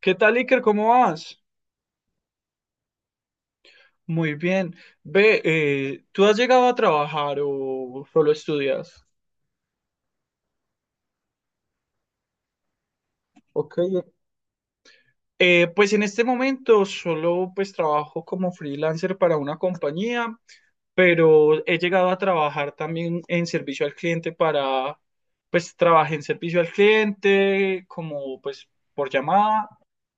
¿Qué tal, Iker? ¿Cómo vas? Muy bien. Ve, ¿tú has llegado a trabajar o solo estudias? Ok, pues en este momento solo pues trabajo como freelancer para una compañía, pero he llegado a trabajar también en servicio al cliente para, pues trabajé en servicio al cliente como pues por llamada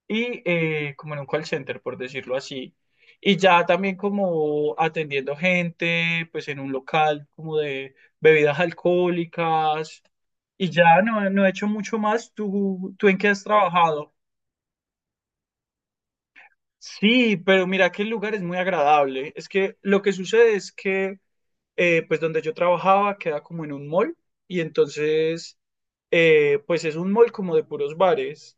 y como en un call center, por decirlo así. Y ya también como atendiendo gente pues en un local como de bebidas alcohólicas y ya no he hecho mucho más. ¿Tú ¿en qué has trabajado? Sí, pero mira que el lugar es muy agradable. Es que lo que sucede es que, pues donde yo trabajaba queda como en un mall y entonces, pues es un mall como de puros bares,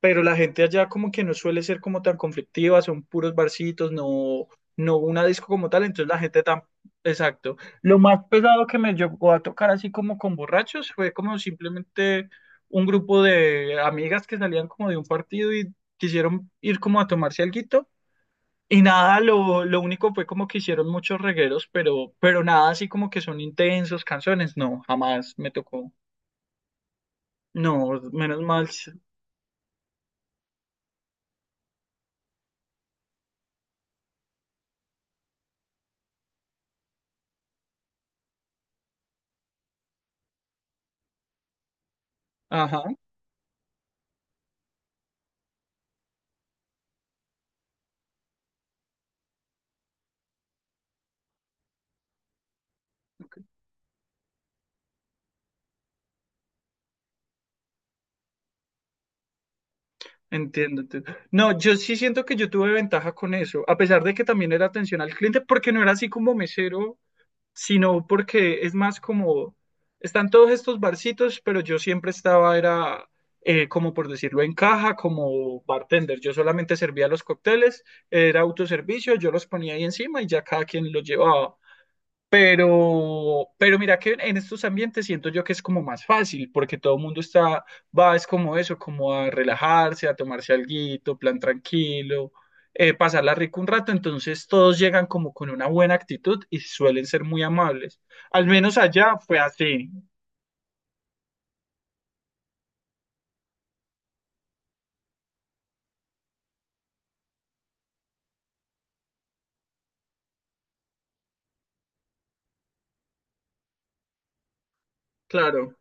pero la gente allá como que no suele ser como tan conflictiva, son puros barcitos, no una disco como tal, entonces la gente tan... Exacto. Lo más pesado que me llegó a tocar así como con borrachos fue como simplemente un grupo de amigas que salían como de un partido y quisieron ir como a tomarse alguito y nada, lo único fue como que hicieron muchos regueros, pero nada así como que son intensos canciones. No, jamás me tocó. No, menos mal. Ajá, entiendo. No, yo sí siento que yo tuve ventaja con eso, a pesar de que también era atención al cliente, porque no era así como mesero sino porque es más como, están todos estos barcitos, pero yo siempre estaba, era como por decirlo, en caja, como bartender. Yo solamente servía los cócteles, era autoservicio, yo los ponía ahí encima y ya cada quien los llevaba. Pero mira que en estos ambientes siento yo que es como más fácil, porque todo el mundo está, va, es como eso, como a relajarse, a tomarse alguito, plan tranquilo, pasarla rico un rato, entonces todos llegan como con una buena actitud y suelen ser muy amables. Al menos allá fue así, claro.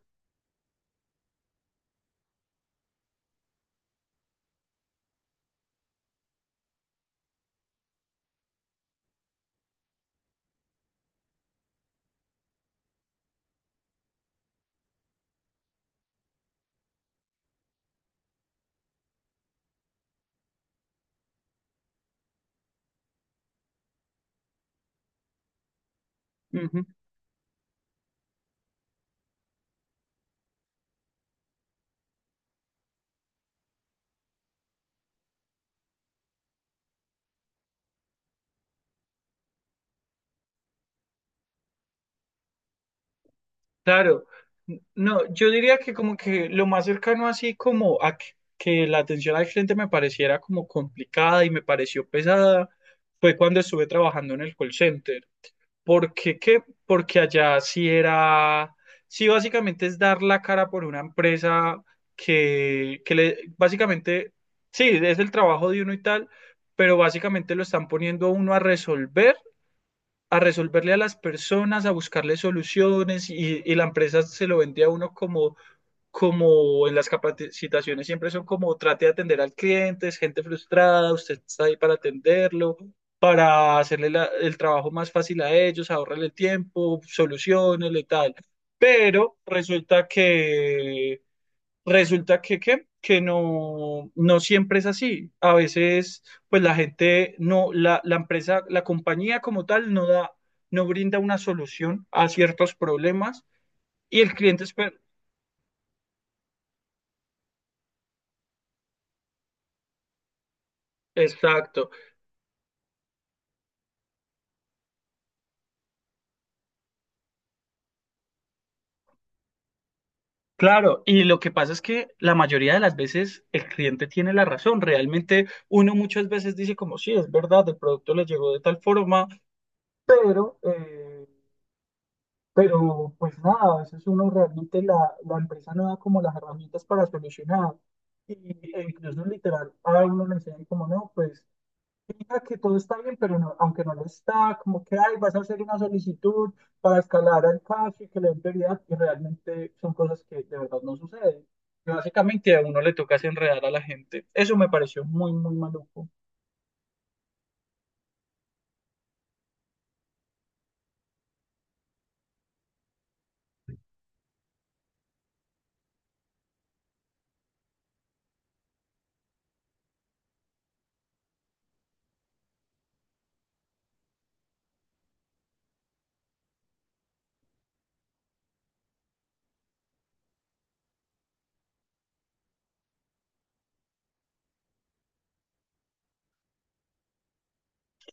Claro, no, yo diría que como que lo más cercano así como a que la atención al cliente me pareciera como complicada y me pareció pesada fue cuando estuve trabajando en el call center. ¿Por qué qué? Porque allá sí era, sí básicamente es dar la cara por una empresa que le, básicamente, sí, es el trabajo de uno y tal, pero básicamente lo están poniendo a uno a resolver a resolverle a las personas, a buscarle soluciones y la empresa se lo vende a uno como, como en las capacitaciones siempre son como trate de atender al cliente, es gente frustrada, usted está ahí para atenderlo, para hacerle el trabajo más fácil a ellos, ahorrarle el tiempo, soluciones y tal. Pero resulta que resulta que no, no siempre es así. A veces, pues la gente no, la empresa, la compañía como tal no da, no brinda una solución a ciertos problemas y el cliente espera. Exacto. Claro, y lo que pasa es que la mayoría de las veces el cliente tiene la razón. Realmente uno muchas veces dice como sí, es verdad, el producto le llegó de tal forma, pero pero pues nada, a veces uno realmente la empresa no da como las herramientas para solucionar. Y, e incluso literal, a uno le enseñan como no, pues fija que todo está bien, pero no, aunque no lo está, como que ay, vas a hacer una solicitud para escalar al caso y que le den prioridad, y realmente son cosas que de verdad no suceden. Y básicamente a uno le toca es enredar a la gente. Eso me pareció muy, muy maluco.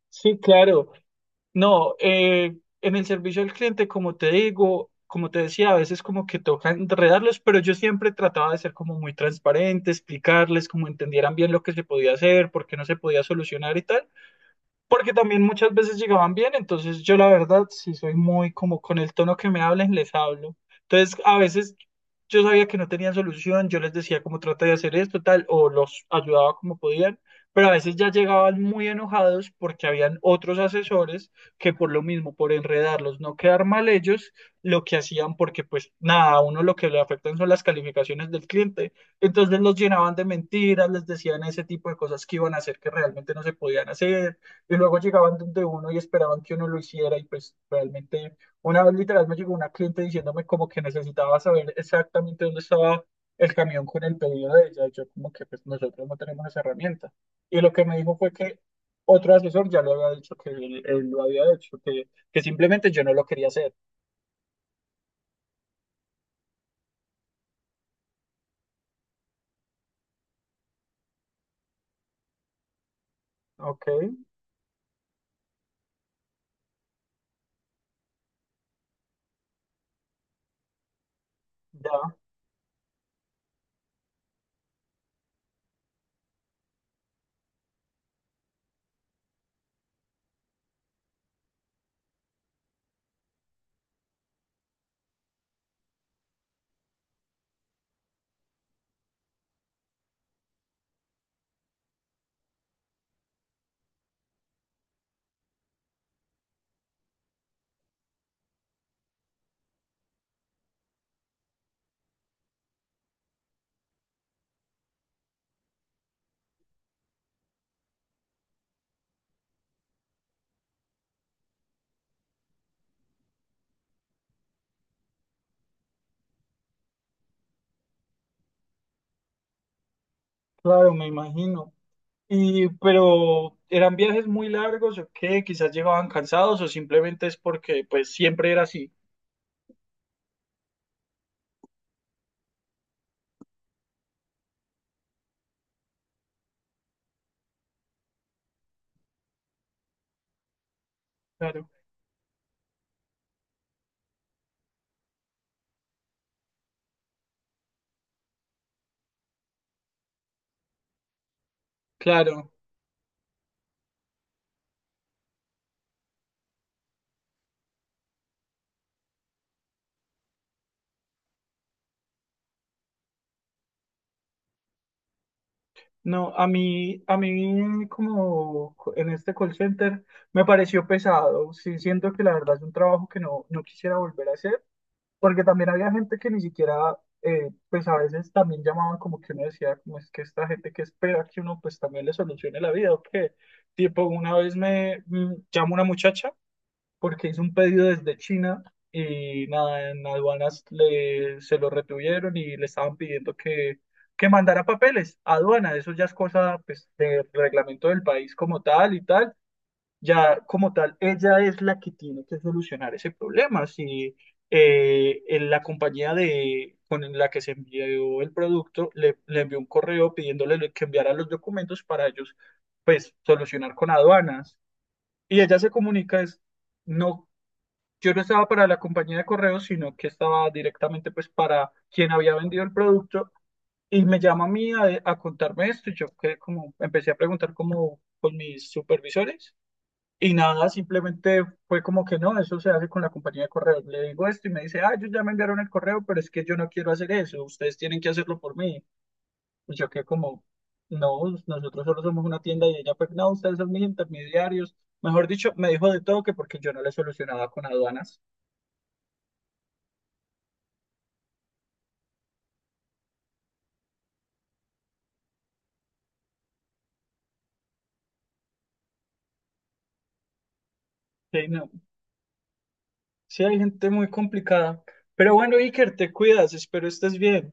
Sí, claro. No, en el servicio al cliente, como te digo, como te decía, a veces como que toca enredarlos, pero yo siempre trataba de ser como muy transparente, explicarles, como entendieran bien lo que se podía hacer, por qué no se podía solucionar y tal. Porque también muchas veces llegaban bien, entonces yo la verdad sí soy muy como con el tono que me hablen, les hablo. Entonces a veces yo sabía que no tenían solución, yo les decía como trata de hacer esto, tal, o los ayudaba como podían, pero a veces ya llegaban muy enojados porque habían otros asesores que por lo mismo, por enredarlos, no quedar mal ellos, lo que hacían porque pues nada, a uno lo que le afectan son las calificaciones del cliente, entonces los llenaban de mentiras, les decían ese tipo de cosas que iban a hacer que realmente no se podían hacer y luego llegaban donde uno y esperaban que uno lo hiciera y pues realmente una vez literal me llegó una cliente diciéndome como que necesitaba saber exactamente dónde estaba el camión con el pedido de ella. Y yo como que pues nosotros no tenemos esa herramienta. Y lo que me dijo fue que otro asesor ya le había dicho que él lo había hecho, que simplemente yo no lo quería hacer. Ok, ya, claro, me imagino. Y pero eran viajes muy largos o qué, quizás llegaban cansados o simplemente es porque pues siempre era así. Claro, claro. No, a mí como en este call center me pareció pesado. Sí, siento que la verdad es un trabajo que no, no quisiera volver a hacer, porque también había gente que ni siquiera, pues a veces también llamaban como que uno decía, como es que esta gente que espera que uno pues también le solucione la vida o qué. Tipo, una vez me llamó una muchacha porque hizo un pedido desde China y nada, en aduanas se lo retuvieron y le estaban pidiendo que mandara papeles a aduana. Eso ya es cosa pues, del reglamento del país como tal y tal. Ya como tal, ella es la que tiene que solucionar ese problema. Si en la compañía de, con la que se envió el producto le envió un correo pidiéndole que enviara los documentos para ellos, pues, solucionar con aduanas. Y ella se comunica, es, no, yo no estaba para la compañía de correos, sino que estaba directamente pues para quien había vendido el producto y me llama a mí a contarme esto y yo que como empecé a preguntar como con mis supervisores y nada, simplemente fue como que no, eso se hace con la compañía de correos. Le digo esto y me dice, ah, ellos ya me enviaron el correo, pero es que yo no quiero hacer eso, ustedes tienen que hacerlo por mí. Y yo que como, no, nosotros solo somos una tienda y ella, pues no, ustedes son mis intermediarios. Mejor dicho, me dijo de todo que porque yo no le solucionaba con aduanas. Sí, no, sí, hay gente muy complicada. Pero bueno, Iker, te cuidas, espero estés bien.